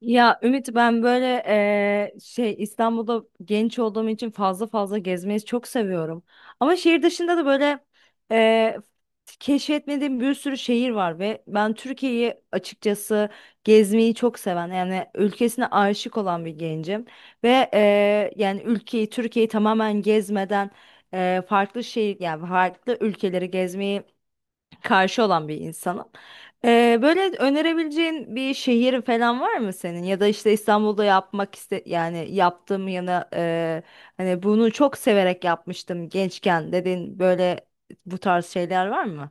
Ya Ümit, ben böyle şey, İstanbul'da genç olduğum için fazla fazla gezmeyi çok seviyorum. Ama şehir dışında da böyle eee keşfetmediğim bir sürü şehir var ve ben Türkiye'yi açıkçası gezmeyi çok seven, yani ülkesine aşık olan bir gencim. Ve yani ülkeyi, Türkiye'yi tamamen gezmeden farklı şehir, yani farklı ülkeleri gezmeyi karşı olan bir insanım. Böyle önerebileceğin bir şehir falan var mı senin? Ya da işte İstanbul'da yapmak iste, yani yaptığım yana hani bunu çok severek yapmıştım gençken dedin, böyle bu tarz şeyler var mı?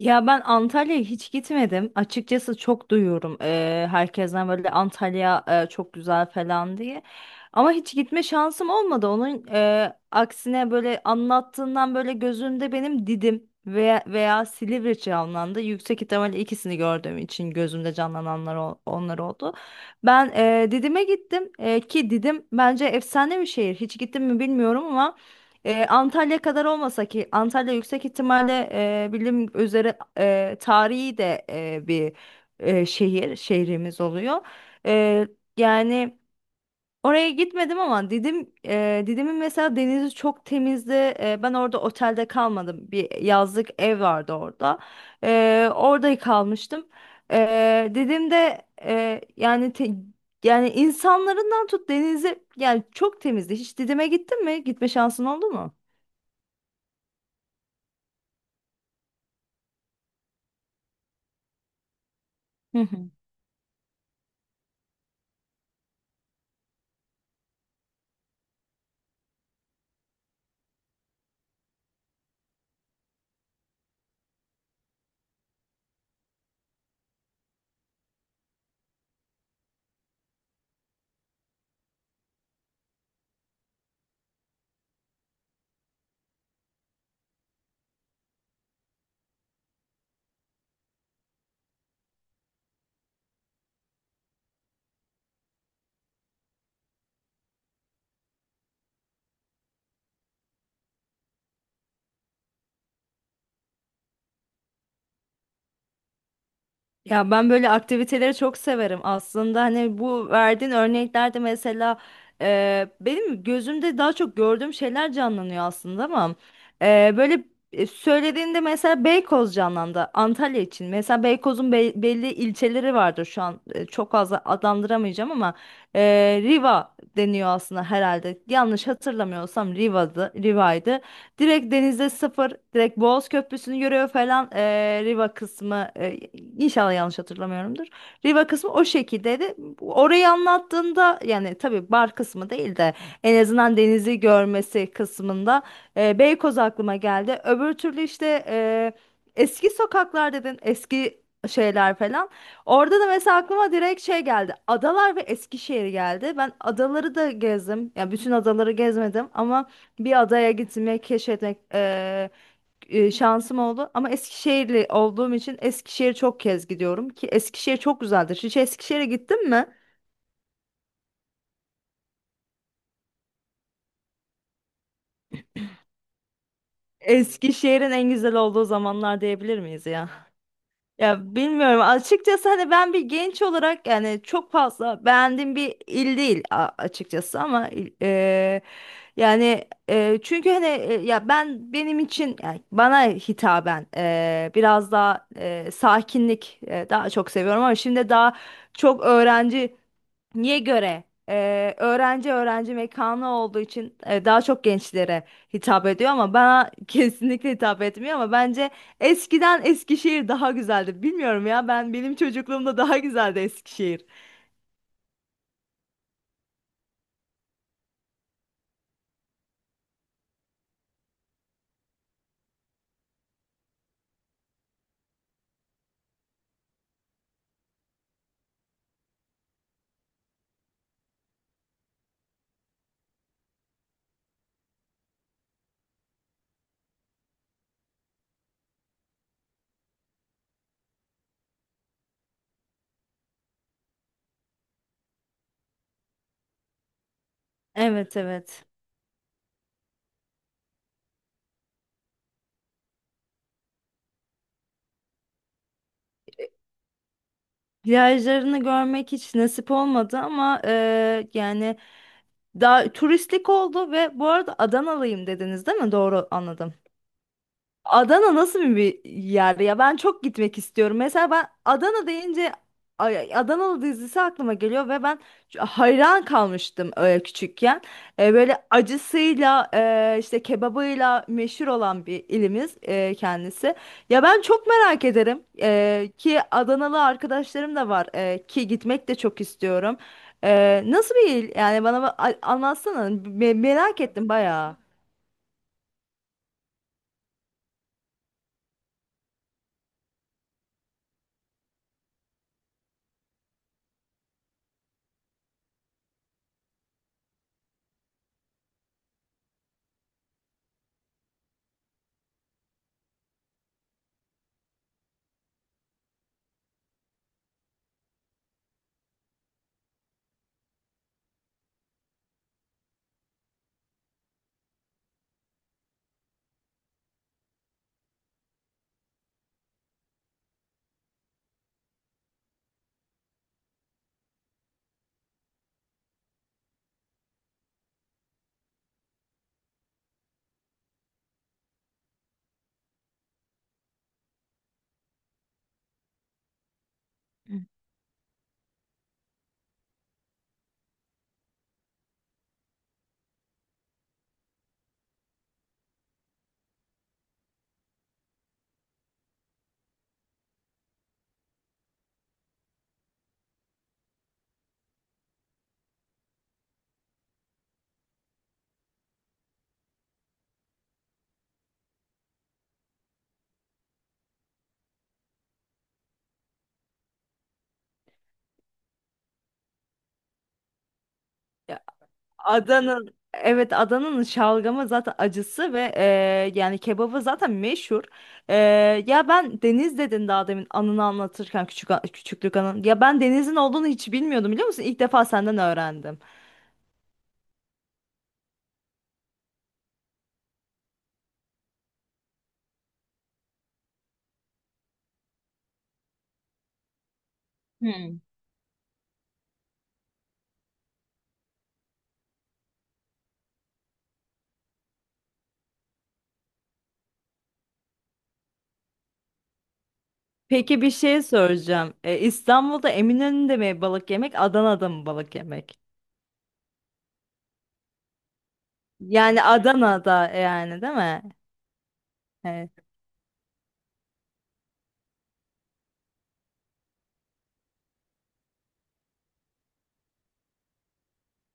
Ya ben Antalya'ya hiç gitmedim. Açıkçası çok duyuyorum herkesten, böyle Antalya çok güzel falan diye. Ama hiç gitme şansım olmadı. Onun aksine, böyle anlattığından böyle gözümde benim Didim veya Silivri canlandı. Yüksek ihtimalle ikisini gördüğüm için gözümde canlananlar onlar oldu. Ben Didim'e gittim. Ki Didim bence efsane bir şehir. Hiç gittim mi bilmiyorum ama. Antalya kadar olmasa ki Antalya yüksek ihtimalle bilim üzere tarihi de bir şehrimiz oluyor. E, Yani oraya gitmedim ama Didim'in mesela denizi çok temizdi. E, ben orada otelde kalmadım. Bir yazlık ev vardı orada. E, orada kalmıştım. Didim'de, yani yani insanlarından tut, denizi, yani çok temizdi. Hiç Didim'e gittin mi? Gitme şansın oldu mu? Hı hı. Ya ben böyle aktiviteleri çok severim aslında. Hani bu verdiğin örneklerde mesela benim gözümde daha çok gördüğüm şeyler canlanıyor aslında, ama böyle söylediğinde mesela Beykoz canlandı. Antalya için mesela Beykoz'un belli ilçeleri vardır. Şu an çok fazla adlandıramayacağım ama e, Riva deniyor aslında, herhalde yanlış hatırlamıyorsam Riva'ydı. Direkt denize sıfır, direkt Boğaz Köprüsü'nü görüyor falan. Riva kısmı, inşallah yanlış hatırlamıyorumdur. Riva kısmı o şekildeydi. Orayı anlattığında, yani tabii bar kısmı değil de en azından denizi görmesi kısmında, Beykoz aklıma geldi. Öbür türlü işte eski sokaklar dedin, eski şeyler falan. Orada da mesela aklıma direkt şey geldi: Adalar ve Eskişehir geldi. Ben adaları da gezdim. Ya bütün adaları gezmedim ama bir adaya gitmek, keşfetmek şansım oldu. Ama Eskişehirli olduğum için Eskişehir çok kez gidiyorum ki Eskişehir çok güzeldir. Hiç Eskişehir'e gittin mi? Eskişehir'in en güzel olduğu zamanlar diyebilir miyiz ya? Ya bilmiyorum açıkçası, hani ben bir genç olarak yani çok fazla beğendiğim bir il değil açıkçası, ama yani, çünkü hani, ya ben, benim için, yani bana hitaben biraz daha sakinlik daha çok seviyorum, ama şimdi daha çok öğrenci. Niye göre? Öğrenci, öğrenci mekanı olduğu için daha çok gençlere hitap ediyor, ama bana kesinlikle hitap etmiyor. Ama bence eskiden Eskişehir daha güzeldi. Bilmiyorum, ya ben, benim çocukluğumda daha güzeldi Eskişehir. Evet, evet. Plajlarını görmek hiç nasip olmadı ama yani daha turistik oldu. Ve bu arada, Adanalıyım dediniz, değil mi? Doğru anladım. Adana nasıl bir yer ya? Ben çok gitmek istiyorum. Mesela ben Adana deyince Adanalı dizisi aklıma geliyor ve ben hayran kalmıştım küçükken. E, böyle acısıyla işte kebabıyla meşhur olan bir ilimiz kendisi. Ya ben çok merak ederim. Ki Adanalı arkadaşlarım da var, ki gitmek de çok istiyorum. E, nasıl bir il? Yani bana anlatsana. Merak ettim bayağı. Adanın, evet, Adanın şalgamı zaten acısı ve yani kebabı zaten meşhur. E, ya ben, Deniz dedin daha demin, anını anlatırken, küçük küçüklük anın. Ya ben Deniz'in olduğunu hiç bilmiyordum, biliyor musun? İlk defa senden öğrendim. Hmm. Peki bir şey soracağım. E, İstanbul'da Eminönü'nde mi balık yemek, Adana'da mı balık yemek? Yani Adana'da, yani değil mi? Evet.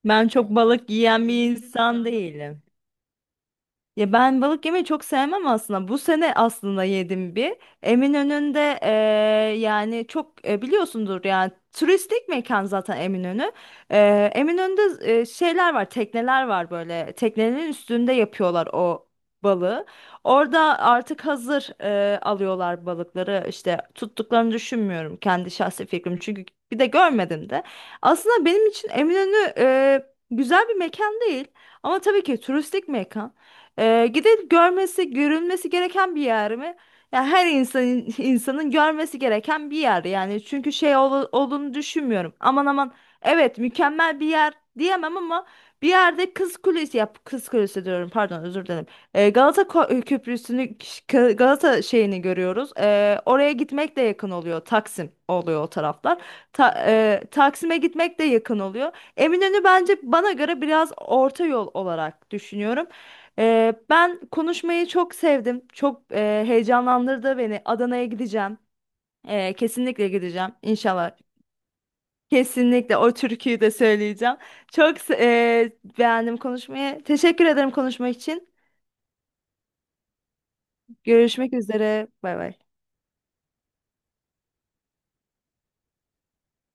Ben çok balık yiyen bir insan değilim. Ya ben balık yemeyi çok sevmem aslında. Bu sene aslında yedim bir. Eminönü'nde yani çok biliyorsundur, yani turistik mekan zaten Eminönü. Eminönü'nde şeyler var, tekneler var böyle. Teknelerin üstünde yapıyorlar o balığı. Orada artık hazır alıyorlar balıkları. İşte tuttuklarını düşünmüyorum, kendi şahsi fikrim. Çünkü bir de görmedim de. Aslında benim için Eminönü güzel bir mekan değil. Ama tabii ki turistik mekan. Gidip görmesi, görülmesi gereken bir yer mi? Yani her insanın görmesi gereken bir yer yani. Çünkü şey olduğunu düşünmüyorum. Aman aman, evet, mükemmel bir yer diyemem ama bir yerde Kız Kulesi yap, Kız Kulesi diyorum, pardon, özür dilerim. Galata Köprüsü'nü, Galata şeyini görüyoruz. Oraya gitmek de yakın oluyor. Taksim oluyor o taraflar. Taksim'e gitmek de yakın oluyor. Eminönü bence, bana göre, biraz orta yol olarak düşünüyorum. Ben konuşmayı çok sevdim. Çok heyecanlandırdı beni. Adana'ya gideceğim. Kesinlikle gideceğim inşallah. Kesinlikle o türküyü de söyleyeceğim. Çok beğendim konuşmayı. Teşekkür ederim konuşma için. Görüşmek üzere. Bay bay.